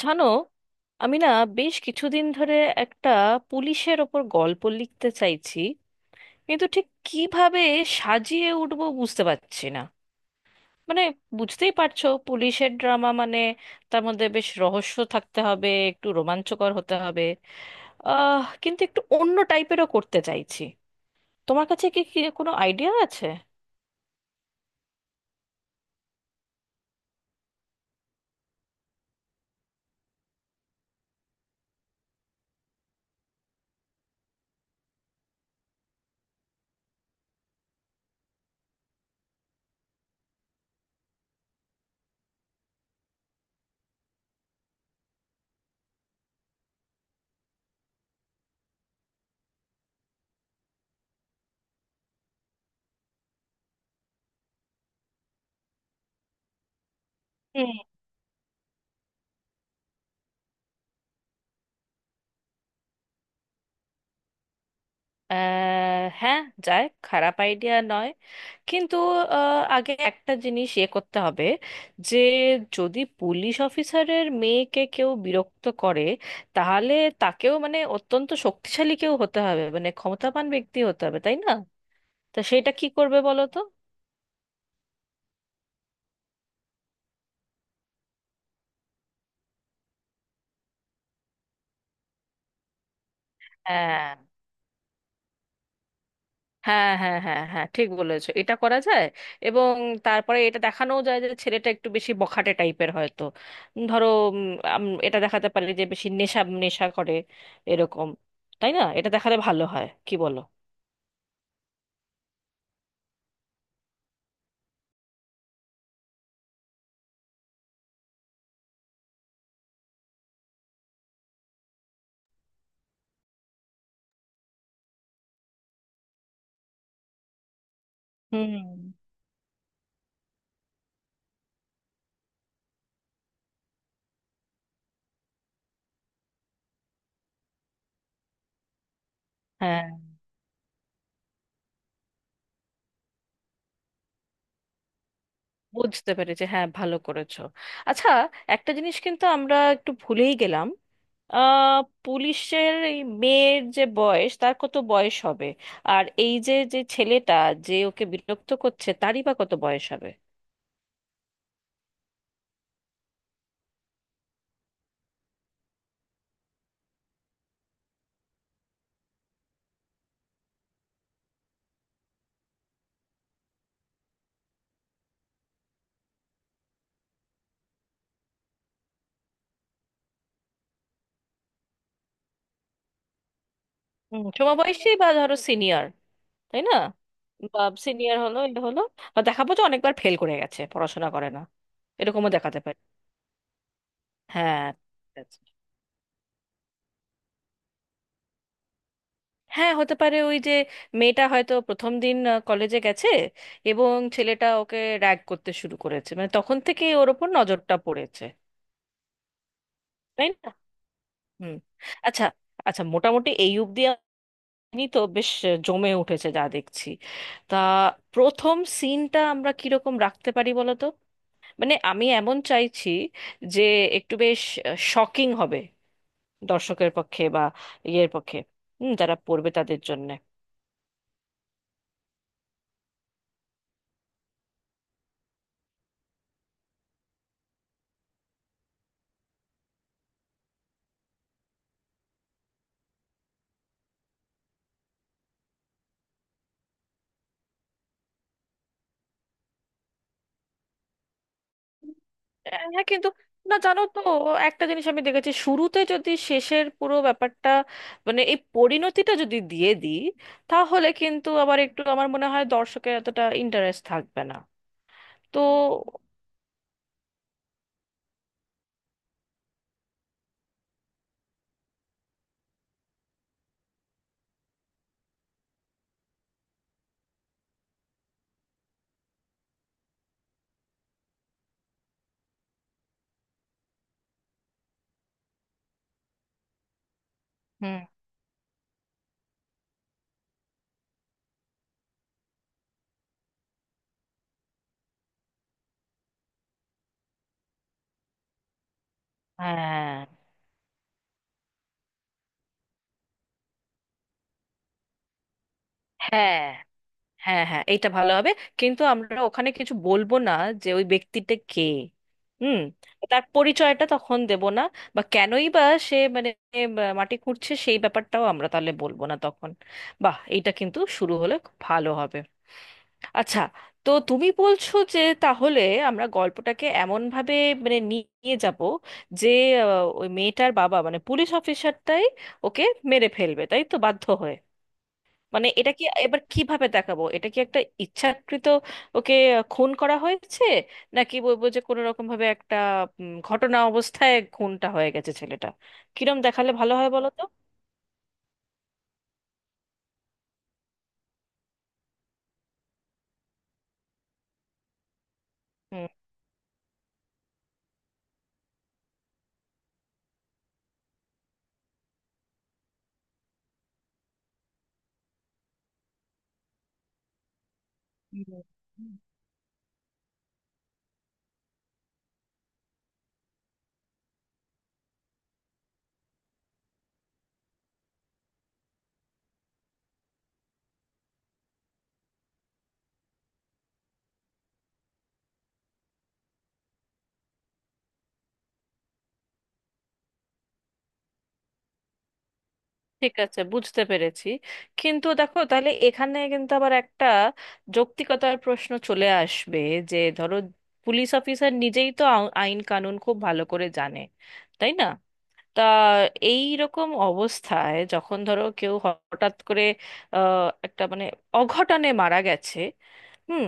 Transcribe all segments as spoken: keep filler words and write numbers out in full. জানো, আমি না বেশ কিছুদিন ধরে একটা পুলিশের ওপর গল্প লিখতে চাইছি, কিন্তু ঠিক কিভাবে সাজিয়ে উঠবো বুঝতে পারছি না। মানে, বুঝতেই পারছো পুলিশের ড্রামা মানে তার মধ্যে বেশ রহস্য থাকতে হবে, একটু রোমাঞ্চকর হতে হবে। আহ কিন্তু একটু অন্য টাইপেরও করতে চাইছি। তোমার কাছে কি কি কোনো আইডিয়া আছে? হুম। আহ, হ্যাঁ, যায়, খারাপ আইডিয়া নয়। কিন্তু আহ, আগে একটা জিনিস ইয়ে করতে হবে, যে যদি পুলিশ অফিসারের মেয়েকে কেউ বিরক্ত করে, তাহলে তাকেও মানে অত্যন্ত শক্তিশালী কেউ হতে হবে, মানে ক্ষমতাবান ব্যক্তি হতে হবে, তাই না? তা সেটা কি করবে বলো তো। হ্যাঁ হ্যাঁ হ্যাঁ হ্যাঁ হ্যাঁ ঠিক বলেছো, এটা করা যায়। এবং তারপরে এটা দেখানোও যায় যে ছেলেটা একটু বেশি বখাটে টাইপের হয়তো। ধরো, উম, আম- এটা দেখাতে পারি যে বেশি নেশা নেশা করে, এরকম। তাই না, এটা দেখালে ভালো হয় কি বলো? হুম। হ্যাঁ, বুঝতে পেরেছি, হ্যাঁ ভালো করেছো। আচ্ছা, একটা জিনিস কিন্তু আমরা একটু ভুলেই গেলাম। আহ পুলিশের এই মেয়ের যে বয়স, তার কত বয়স হবে? আর এই যে যে ছেলেটা যে ওকে বিরক্ত করছে, তারই বা কত বয়স হবে? হুম, সমবয়সী বা ধরো সিনিয়র, তাই না? বা সিনিয়র হলো, এটা হলো, বা দেখাবো যে অনেকবার ফেল করে গেছে, পড়াশোনা করে না। এরকমও দেখাতে পারি। হ্যাঁ। হ্যাঁ, হতে পারে। ওই যে, মেয়েটা হয়তো প্রথম দিন কলেজে গেছে, এবং ছেলেটা ওকে র্যাগ করতে শুরু করেছে, মানে তখন থেকেই ওর ওপর নজরটা পড়েছে। তাই না? হুম। আচ্ছা। আচ্ছা, মোটামুটি এই অবধি আপনি তো বেশ, জমে উঠেছে যা দেখছি। তা প্রথম সিনটা আমরা কিরকম রাখতে পারি বলো তো। মানে আমি এমন চাইছি যে একটু বেশ শকিং হবে দর্শকের পক্ষে, বা ইয়ের পক্ষে, হুম, যারা পড়বে তাদের জন্যে। হ্যাঁ, কিন্তু, না জানো তো, একটা জিনিস আমি দেখেছি, শুরুতে যদি শেষের পুরো ব্যাপারটা, মানে এই পরিণতিটা যদি দিয়ে দিই, তাহলে কিন্তু আবার একটু আমার মনে হয় দর্শকের এতটা ইন্টারেস্ট থাকবে না। তো হুম। হ্যাঁ হ্যাঁ হ্যাঁ হ্যাঁ এইটা ভালো হবে, কিন্তু আমরা ওখানে কিছু বলবো না, যে ওই ব্যক্তিটা কে। হুম। তার পরিচয়টা তখন দেব না, বা কেনই বা সে মানে, আহ, মাটি খুঁড়ছে সেই ব্যাপারটাও আমরা তাহলে বলবো না তখন। বাহ, এইটা কিন্তু শুরু হলে খুব ভালো হবে। আচ্ছা, তো তুমি বলছো যে তাহলে আমরা গল্পটাকে এমন ভাবে, মানে নিয়ে যাব, যে আহ, ওই মেয়েটার বাবা মানে পুলিশ অফিসারটাই ওকে মেরে ফেলবে, তাই তো, বাধ্য হয়ে। মানে এটা কি এবার কিভাবে দেখাবো, এটা কি একটা ইচ্ছাকৃত ওকে খুন করা হয়েছে, নাকি বলবো যে কোনো রকম ভাবে একটা উম, ঘটনা অবস্থায় খুনটা হয়ে গেছে ছেলেটা? কিরম দেখালে ভালো হয় বলো তো। হুম। হুম। ঠিক আছে, বুঝতে পেরেছি। কিন্তু দেখো, তাহলে এখানে কিন্তু আবার একটা যৌক্তিকতার প্রশ্ন চলে আসবে, যে ধরো পুলিশ অফিসার নিজেই তো আ- আইন কানুন খুব ভালো করে জানে, তাই না? তা এই রকম অবস্থায়, যখন ধরো কেউ হঠাৎ করে আহ, একটা মানে অঘটনে মারা গেছে, হুম,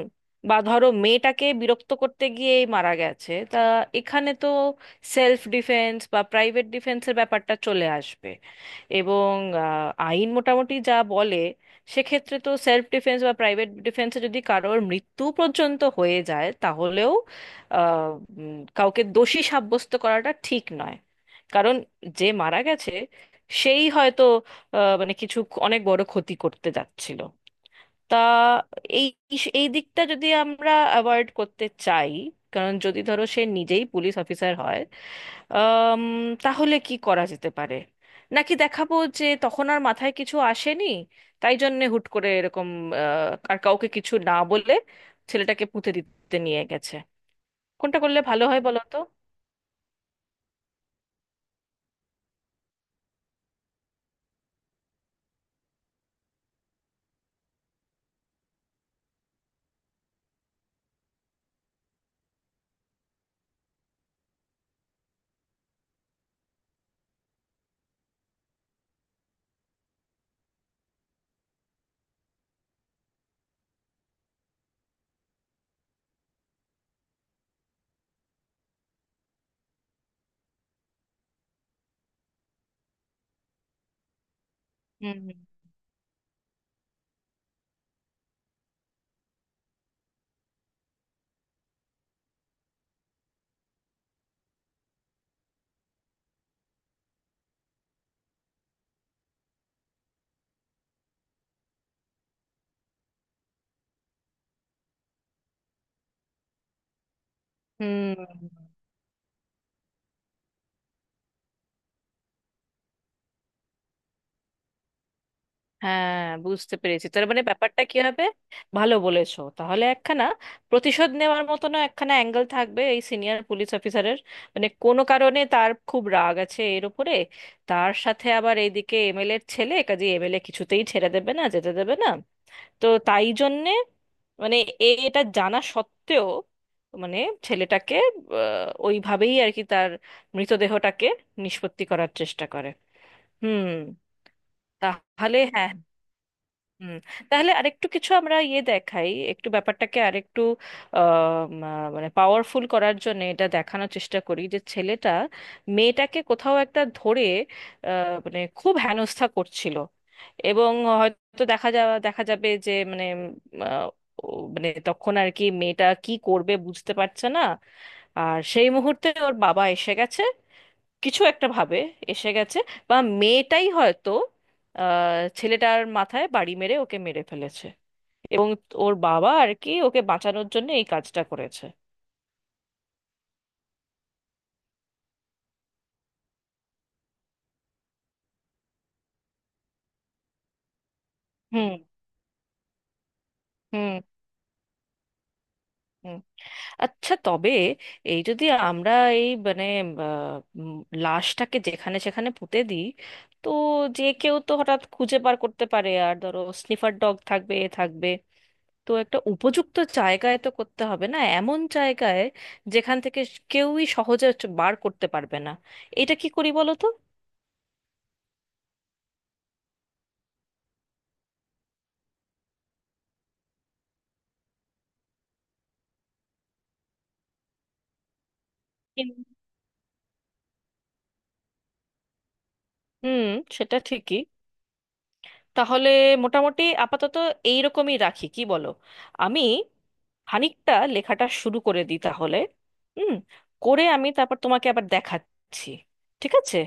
বা ধরো মেয়েটাকে বিরক্ত করতে গিয়েই মারা গেছে, তা এখানে তো সেলফ ডিফেন্স বা প্রাইভেট ডিফেন্সের ব্যাপারটা চলে আসবে। এবং আহ, আইন মোটামুটি যা বলে, সেক্ষেত্রে তো সেলফ ডিফেন্স বা প্রাইভেট ডিফেন্সে যদি কারোর মৃত্যু পর্যন্ত হয়ে যায় তাহলেও আহ, উম, কাউকে দোষী সাব্যস্ত করাটা ঠিক নয়। কারণ যে মারা গেছে, সেই হয়তো আহ, মানে কিছু অনেক বড় ক্ষতি করতে যাচ্ছিল। তা এই, এই দিকটা যদি আমরা অ্যাভয়েড করতে চাই, কারণ যদি ধরো সে নিজেই পুলিশ অফিসার হয়, আম, তাহলে কি করা যেতে পারে? নাকি দেখাবো যে তখন আর মাথায় কিছু আসেনি, তাই জন্যে হুট করে এরকম আহ, আর কাউকে কিছু না বলে ছেলেটাকে পুঁতে দিতে নিয়ে গেছে? কোনটা করলে ভালো হয় বলো তো। হুম। হুম। হুম। হ্যাঁ, বুঝতে পেরেছি, তার মানে ব্যাপারটা কি হবে, ভালো বলেছো। তাহলে একখানা প্রতিশোধ নেওয়ার মতনও একখানা অ্যাঙ্গেল থাকবে এই সিনিয়র পুলিশ অফিসারের, মানে কোনো কারণে তার খুব রাগ আছে এর উপরে। তার সাথে আবার এইদিকে এম এল এ এর ছেলে, কাজে এম এল এ কিছুতেই ছেড়ে দেবে না, যেতে দেবে না। তো তাই জন্যে মানে, এ এটা জানা সত্ত্বেও মানে ছেলেটাকে আহ, ওইভাবেই আর কি তার মৃতদেহটাকে নিষ্পত্তি করার চেষ্টা করে। হুম। তাহলে হ্যাঁ। হুম। তাহলে আরেকটু কিছু আমরা ইয়ে দেখাই, একটু ব্যাপারটাকে আরেকটু আহ, মা- মানে পাওয়ারফুল করার জন্য এটা দেখানোর চেষ্টা করি যে ছেলেটা মেয়েটাকে কোথাও একটা ধরে আহ, মানে খুব হেনস্থা করছিল, এবং হয়তো দেখা যাওয়া দেখা যাবে যে মানে উম, আহ, ও মানে তখন আর কি মেয়েটা কি করবে বুঝতে পারছে না, আর সেই মুহূর্তে ওর বাবা এসে গেছে, কিছু একটা ভাবে এসে গেছে। বা মেয়েটাই হয়তো আহ, ছেলেটার মাথায় বাড়ি মেরে ওকে মেরে ফেলেছে, এবং ওর বাবা আর কি ওকে বাঁচানোর জন্য এই কাজটা করেছে। হুম। হুম। হুম। আচ্ছা, তবে এই যদি আমরা এই মানে আহ, উম, লাশটাকে যেখানে সেখানে পুঁতে দিই, তো যে কেউ তো হঠাৎ খুঁজে বার করতে পারে, আর ধরো স্নিফার ডগ থাকবে, এ থাকবে। তো একটা উপযুক্ত জায়গায় তো করতে হবে, না এমন জায়গায় যেখান থেকে কেউই সহজে হচ্ছে বার করতে পারবে না। এটা কি করি বলো তো। কিন্তু হুম, সেটা ঠিকই। তাহলে মোটামুটি আপাতত এইরকমই রাখি কি বলো? আমি খানিকটা লেখাটা শুরু করে দিই তাহলে। হুম, করে আমি তারপর তোমাকে আবার দেখাচ্ছি, ঠিক আছে?